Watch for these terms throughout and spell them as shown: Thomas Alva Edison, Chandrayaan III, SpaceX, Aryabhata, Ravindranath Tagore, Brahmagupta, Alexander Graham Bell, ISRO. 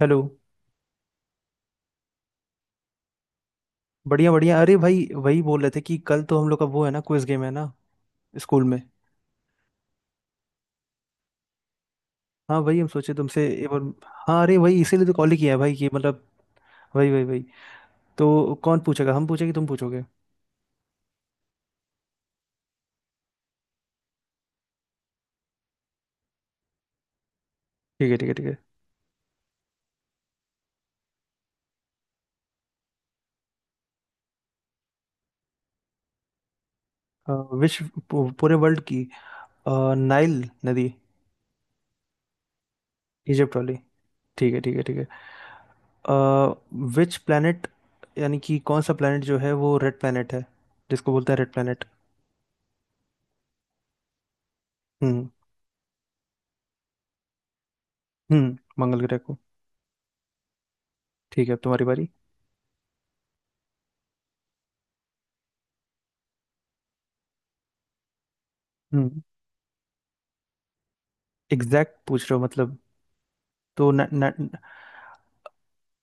Hello. बढ़िया बढ़िया, अरे भाई वही बोल रहे थे कि कल तो हम लोग का वो है ना, क्विज गेम है ना, स्कूल में। हाँ वही हम सोचे तुमसे एक बार। हाँ अरे वही इसीलिए तो कॉल ही किया है भाई, कि मतलब। वही वही वही। तो कौन पूछेगा, हम पूछेंगे तुम पूछोगे? ठीक है ठीक है ठीक है। अ, पूरे वर्ल्ड की। अ, नाइल नदी। इजिप्ट वाली। ठीक है ठीक है ठीक है। विच प्लैनेट, यानी कि कौन सा प्लैनेट जो है वो रेड प्लैनेट है, जिसको बोलते हैं रेड प्लैनेट। हम्म हम्म। मंगल ग्रह को। ठीक है, अब तुम्हारी बारी। हम्म। एग्जैक्ट पूछ रहे हो मतलब? तो न, न,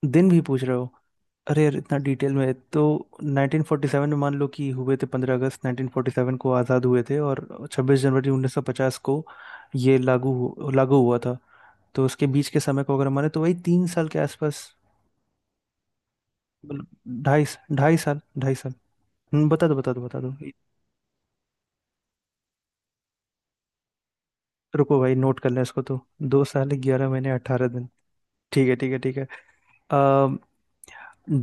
दिन भी पूछ रहे हो? अरे यार इतना डिटेल में तो। 1947 में मान लो कि हुए थे, 15 अगस्त 1947 को आज़ाद हुए थे, और 26 जनवरी 1950 को ये लागू हुआ था। तो उसके बीच के समय को अगर माने तो वही 3 साल के आसपास। मतलब ढाई, ढाई साल ढाई साल। बता दो बता दो बता दो। रुको भाई नोट कर लें इसको तो। 2 साल 11 महीने 18 दिन। ठीक है ठीक है ठीक है। अम,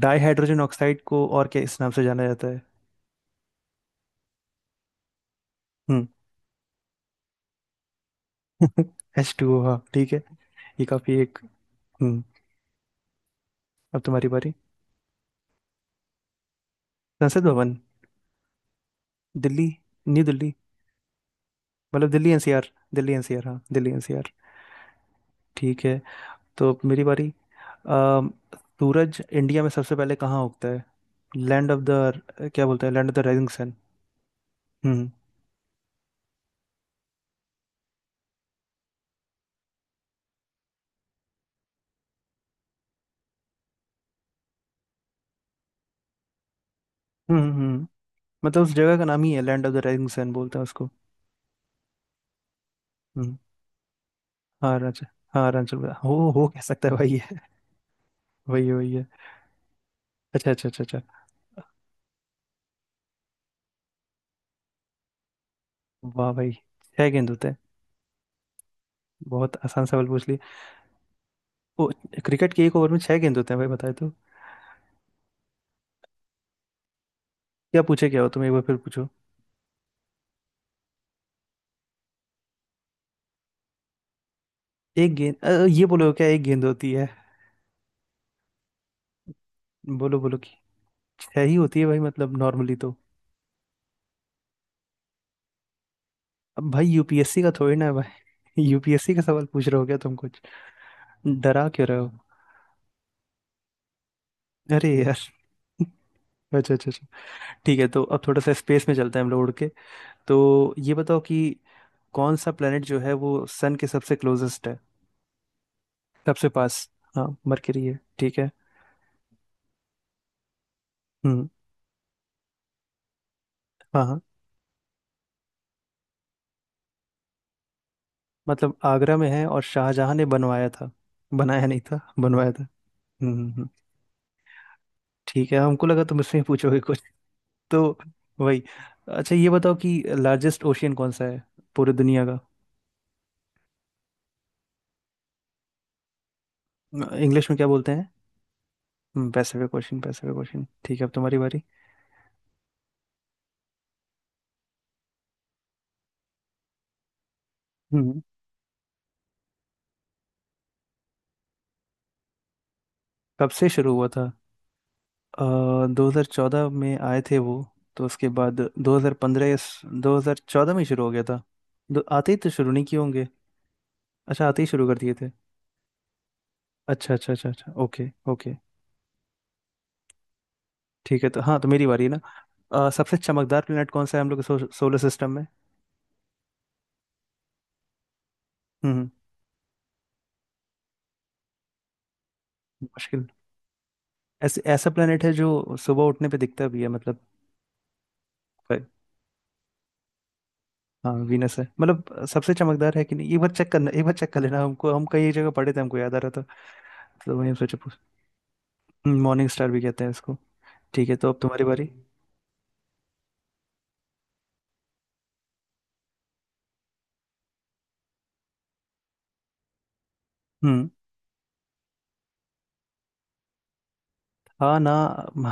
डाई हाइड्रोजन ऑक्साइड को और क्या इस नाम से जाना जाता है? हम्म, एच टू ओ, हाँ ठीक है। ये काफी एक। हम्म। अब तुम्हारी बारी। संसद भवन। दिल्ली। न्यू दिल्ली। मतलब दिल्ली एनसीआर। दिल्ली एनसीआर, हाँ दिल्ली एनसीआर। ठीक है, तो अब मेरी बारी। अम, सूरज इंडिया में सबसे पहले कहाँ उगता है? लैंड ऑफ द, क्या बोलते हैं, land of the rising sun. हम्म। हम्म। मतलब उस जगह का नाम ही है land of the rising sun, बोलते हैं उसको। हम्म। हाँ अरुणाचल। हाँ अरुणाचल प्रदेश। हो कह सकता है भाई है। वही है वही है। अच्छा अच्छा अच्छा अच्छा। वाह भाई। छह गेंद होते हैं। बहुत आसान सवाल पूछ लिया। वो, क्रिकेट के एक ओवर में छह गेंद होते हैं भाई, बताए तो। क्या पूछे, क्या हो तुम, एक बार फिर पूछो। एक गेंद, ये बोलो क्या एक गेंद होती है? बोलो बोलो कि छह ही होती है भाई, मतलब नॉर्मली तो। अब भाई यूपीएससी का थोड़ी ना है भाई। यूपीएससी का सवाल पूछ रहे हो क्या तुम कुछ? डरा क्यों रहे हो? अरे यार। अच्छा अच्छा अच्छा। ठीक है, तो अब थोड़ा सा स्पेस में चलते हैं हम लोग उड़ के। तो ये बताओ कि कौन सा प्लेनेट जो है वो सन के सबसे क्लोजेस्ट है, सबसे पास। हाँ मरकरी है, ठीक है। हम्म। हाँ हाँ। मतलब आगरा में है और शाहजहां ने बनवाया था। बनाया नहीं था, बनवाया था। हम्म हम्म, हम्म। ठीक है, हमको लगा तुम इसमें पूछोगे कुछ तो। वही। अच्छा ये बताओ कि लार्जेस्ट ओशियन कौन सा है, पूरी दुनिया का? इंग्लिश में क्या बोलते हैं? पैसिफिक ओशियन, पैसिफिक ओशियन, ठीक है, अब तुम्हारी बारी। हम्म हम्म। कब से शुरू हुआ था? 2014 में आए थे वो, तो उसके बाद 2015 या 2014 में शुरू हो गया था। दो आते ही तो शुरू नहीं किए होंगे। अच्छा आते ही शुरू कर दिए थे। अच्छा अच्छा अच्छा अच्छा, ओके ओके। ठीक है तो, हाँ तो मेरी बारी है ना। सबसे चमकदार प्लेनेट कौन सा है हम लोग के सोलर सिस्टम में? हम्म। मुश्किल। ऐसे, ऐसा प्लेनेट है जो सुबह उठने पे दिखता भी है मतलब। अ, हाँ वीनस है, मतलब सबसे चमकदार है कि नहीं एक बार चेक करना, एक बार चेक कर लेना, हमको हम कई जगह पढ़े थे, हमको याद आ रहा था। तो वही हम सोचे पूछ। मॉर्निंग स्टार भी कहते हैं इसको। ठीक है तो अब तुम्हारी बारी। हम्म। हाँ ना।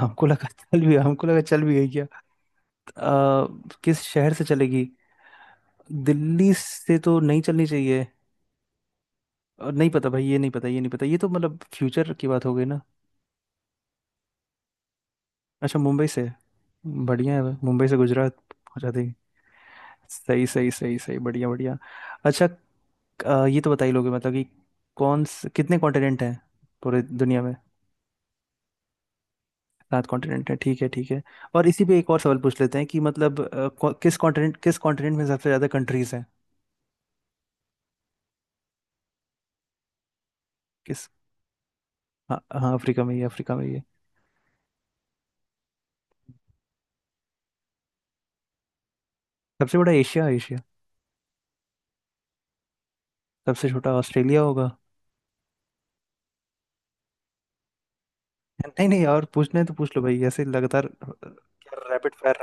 हमको लगा चल भी, हमको लगा चल भी गई क्या? अ, किस शहर से चलेगी? दिल्ली से तो नहीं चलनी चाहिए। और नहीं पता भाई, ये नहीं पता ये नहीं पता, ये तो मतलब फ्यूचर की बात हो गई ना। अच्छा मुंबई से। बढ़िया है भाई, मुंबई से गुजरात पहुंचा देगी। सही सही सही सही, बढ़िया बढ़िया। अच्छा ये तो बता ही लोगे मतलब कि कौन से, कितने कॉन्टिनेंट हैं पूरे दुनिया में? 7 कॉन्टिनेंट हैं, ठीक है ठीक है। और इसी पे एक और सवाल पूछ लेते हैं कि मतलब किस कॉन्टिनेंट, किस कॉन्टिनेंट में सबसे ज़्यादा कंट्रीज हैं? किस। हाँ हाँ अफ्रीका में ही है, अफ्रीका में ही है। सबसे बड़ा एशिया, एशिया। सबसे छोटा ऑस्ट्रेलिया होगा। नहीं नहीं, और पूछना है तो पूछ लो भाई, ऐसे लगातार रैपिड फायर।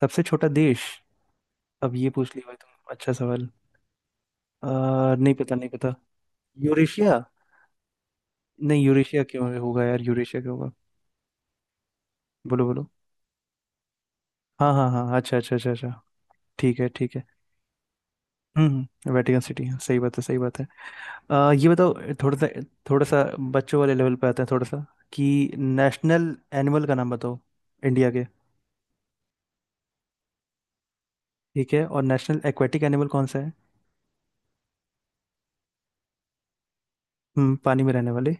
सबसे छोटा देश। अब ये पूछ लिया भाई तुम, अच्छा सवाल। नहीं पता नहीं पता। यूरेशिया। नहीं, यूरेशिया क्यों होगा यार, यूरेशिया क्यों होगा? बोलो बोलो। हाँ हाँ हाँ, अच्छा अच्छा अच्छा अच्छा। ठीक है ठीक है। वेटिकन सिटी है, सही बात है सही बात है। ये बताओ। थोड़ा सा, थोड़ा सा बच्चों वाले लेवल पे आते हैं थोड़ा सा, कि नेशनल एनिमल का नाम बताओ, इंडिया के। ठीक है, और नेशनल एक्वेटिक एनिमल कौन सा है? हम्म, पानी में रहने वाले।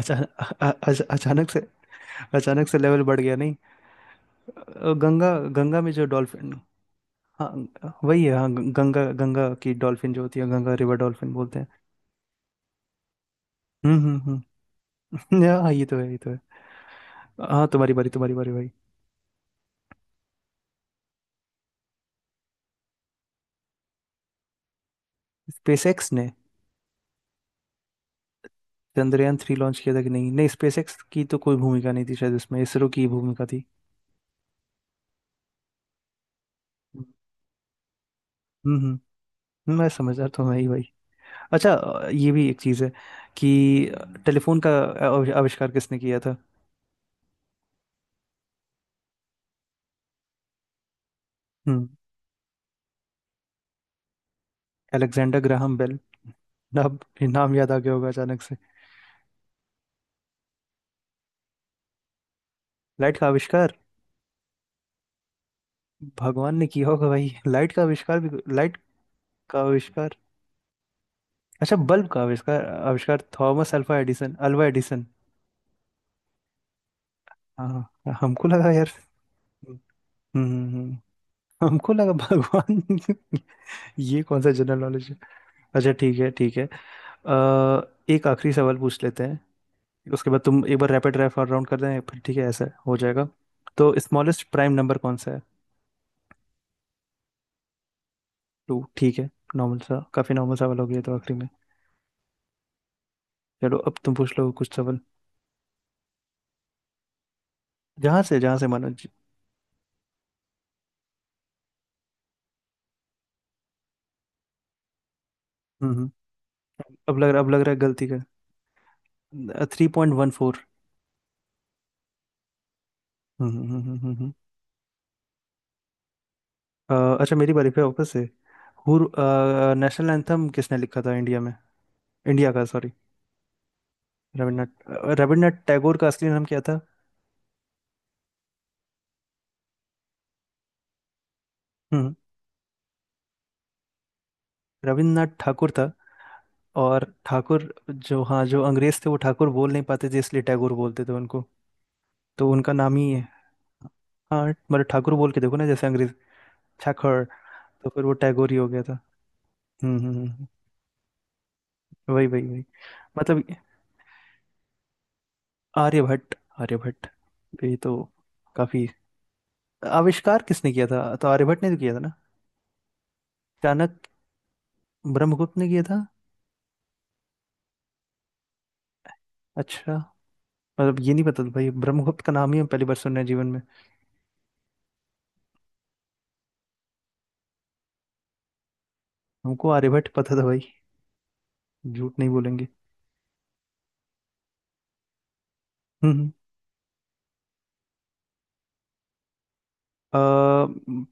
अच्छा अचानक से, अचानक से लेवल बढ़ गया नहीं? अ, गंगा गंगा में जो डॉल्फिन। हाँ वही है, हाँ ग- गंगा गंगा की डॉल्फिन जो होती है, गंगा रिवर डॉल्फिन बोलते हैं। हम्म हम्म हम्म। हाँ ये तो है ये तो है। हाँ तुम्हारी बारी, तुम्हारी बारी भाई। स्पेसएक्स ने चंद्रयान थ्री लॉन्च किया था कि नहीं? नहीं, स्पेसएक्स की तो कोई भूमिका नहीं थी शायद इसमें, इसरो की ही भूमिका थी। हम्म। हम्म। मैं समझदार तो मैं ही भाई। अच्छा ये भी एक चीज़ है कि टेलीफोन का आविष्कार किसने किया था? हम्म। Alexander Graham Bell. नाम, नाम याद आ गया होगा अचानक से। लाइट का आविष्कार? भगवान ने किया होगा भाई लाइट का आविष्कार भी। लाइट का आविष्कार। अच्छा बल्ब का आविष्कार? आविष्कार Thomas alpha Edison, Alva Edison. हाँ हमको लगा यार। हम्म हम्म। हमको लगा भगवान। ये कौन सा जनरल नॉलेज है? अच्छा ठीक है ठीक है। एक आखिरी सवाल पूछ लेते हैं, उसके बाद तुम एक बार रैपिड फायर राउंड कर दें फिर, ठीक है ऐसा हो जाएगा। तो स्मॉलेस्ट प्राइम नंबर कौन सा है? टू, ठीक है। नॉर्मल सा, काफी नॉर्मल सवाल हो गया तो आखिरी में। चलो अब तुम पूछ लो कुछ सवाल। जहाँ से मानो। हम्म। अब लग रहा, अब लग रहा है गलती का। Three point one four. हम्म हम्म, हम्म, हम्म, हम्म। अच्छा मेरी बारी फिर वापस से। हुर। नेशनल एंथम किसने लिखा था इंडिया में? इंडिया का, सॉरी, रविन्द्रनाथ टैगोर का असली नाम क्या था? हम्म। रविन्द्रनाथ ठाकुर था। और ठाकुर, जो, हाँ जो अंग्रेज थे वो ठाकुर बोल नहीं पाते थे इसलिए टैगोर बोलते थे उनको, तो उनका नाम ही है। हाँ मतलब ठाकुर बोल के देखो ना जैसे अंग्रेज। ठाकुर। तो फिर वो टैगोर ही हो गया था। हम्म हम्म, हम्म, हम्म। वही वही वही। मतलब आर्यभट्ट, आर्यभट्ट, ये तो काफी। आविष्कार किसने किया था तो आर्यभट्ट ने तो किया था ना? चाणक्य। ब्रह्मगुप्त ने किया था? अच्छा, मतलब ये नहीं पता था भाई, ब्रह्मगुप्त का नाम ही हम पहली बार सुन रहे हैं जीवन में। हमको आर्यभट्ट पता था भाई, झूठ नहीं बोलेंगे। हम्म।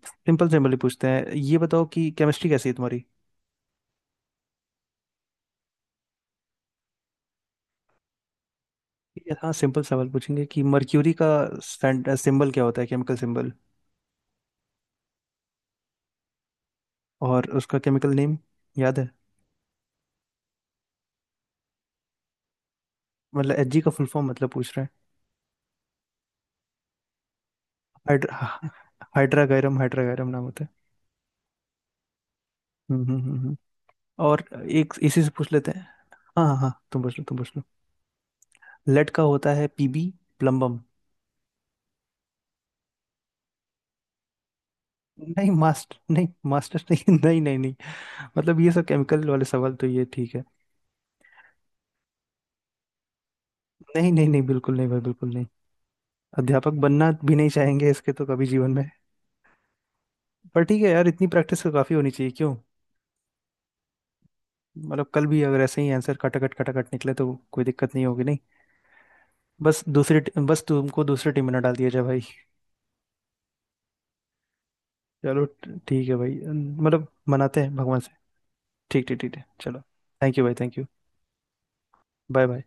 सिंपल, सिंपल ही पूछते हैं, ये बताओ कि केमिस्ट्री कैसी है तुम्हारी? हाँ सिंपल सवाल पूछेंगे कि मर्क्यूरी का सिंबल क्या होता है, केमिकल सिंबल? और उसका केमिकल नेम याद है? मतलब एच जी का फुल फॉर्म मतलब पूछ रहे हैं। हाइड्रा, हाइड्रागैरम, हाइड्रागैरम नाम होता है। हम्म हम्म हम्म हम्म। और एक इसी से पूछ लेते हैं। हाँ हाँ हाँ तुम पूछ लो, तुम पूछ लो। लेड का होता है पीबी, प्लम्बम। नहीं मास्टर नहीं, मास्टर नहीं, नहीं नहीं नहीं। मतलब ये सब केमिकल वाले सवाल तो ये ठीक है। नहीं नहीं नहीं, बिल्कुल नहीं भाई, बिल्कुल नहीं। अध्यापक बनना भी नहीं चाहेंगे इसके तो कभी जीवन में। पर ठीक है यार, इतनी प्रैक्टिस तो काफी होनी चाहिए क्यों। मतलब कल भी अगर ऐसे ही आंसर खटाखट खटाखट निकले तो कोई दिक्कत नहीं होगी नहीं। बस बस तुमको दूसरी टीम में ना डाल दिया जाए भाई। चलो ठीक है भाई। मतलब मनाते हैं भगवान से। ठीक ठीक ठीक है, चलो। थैंक यू भाई, थैंक यू। Bye bye.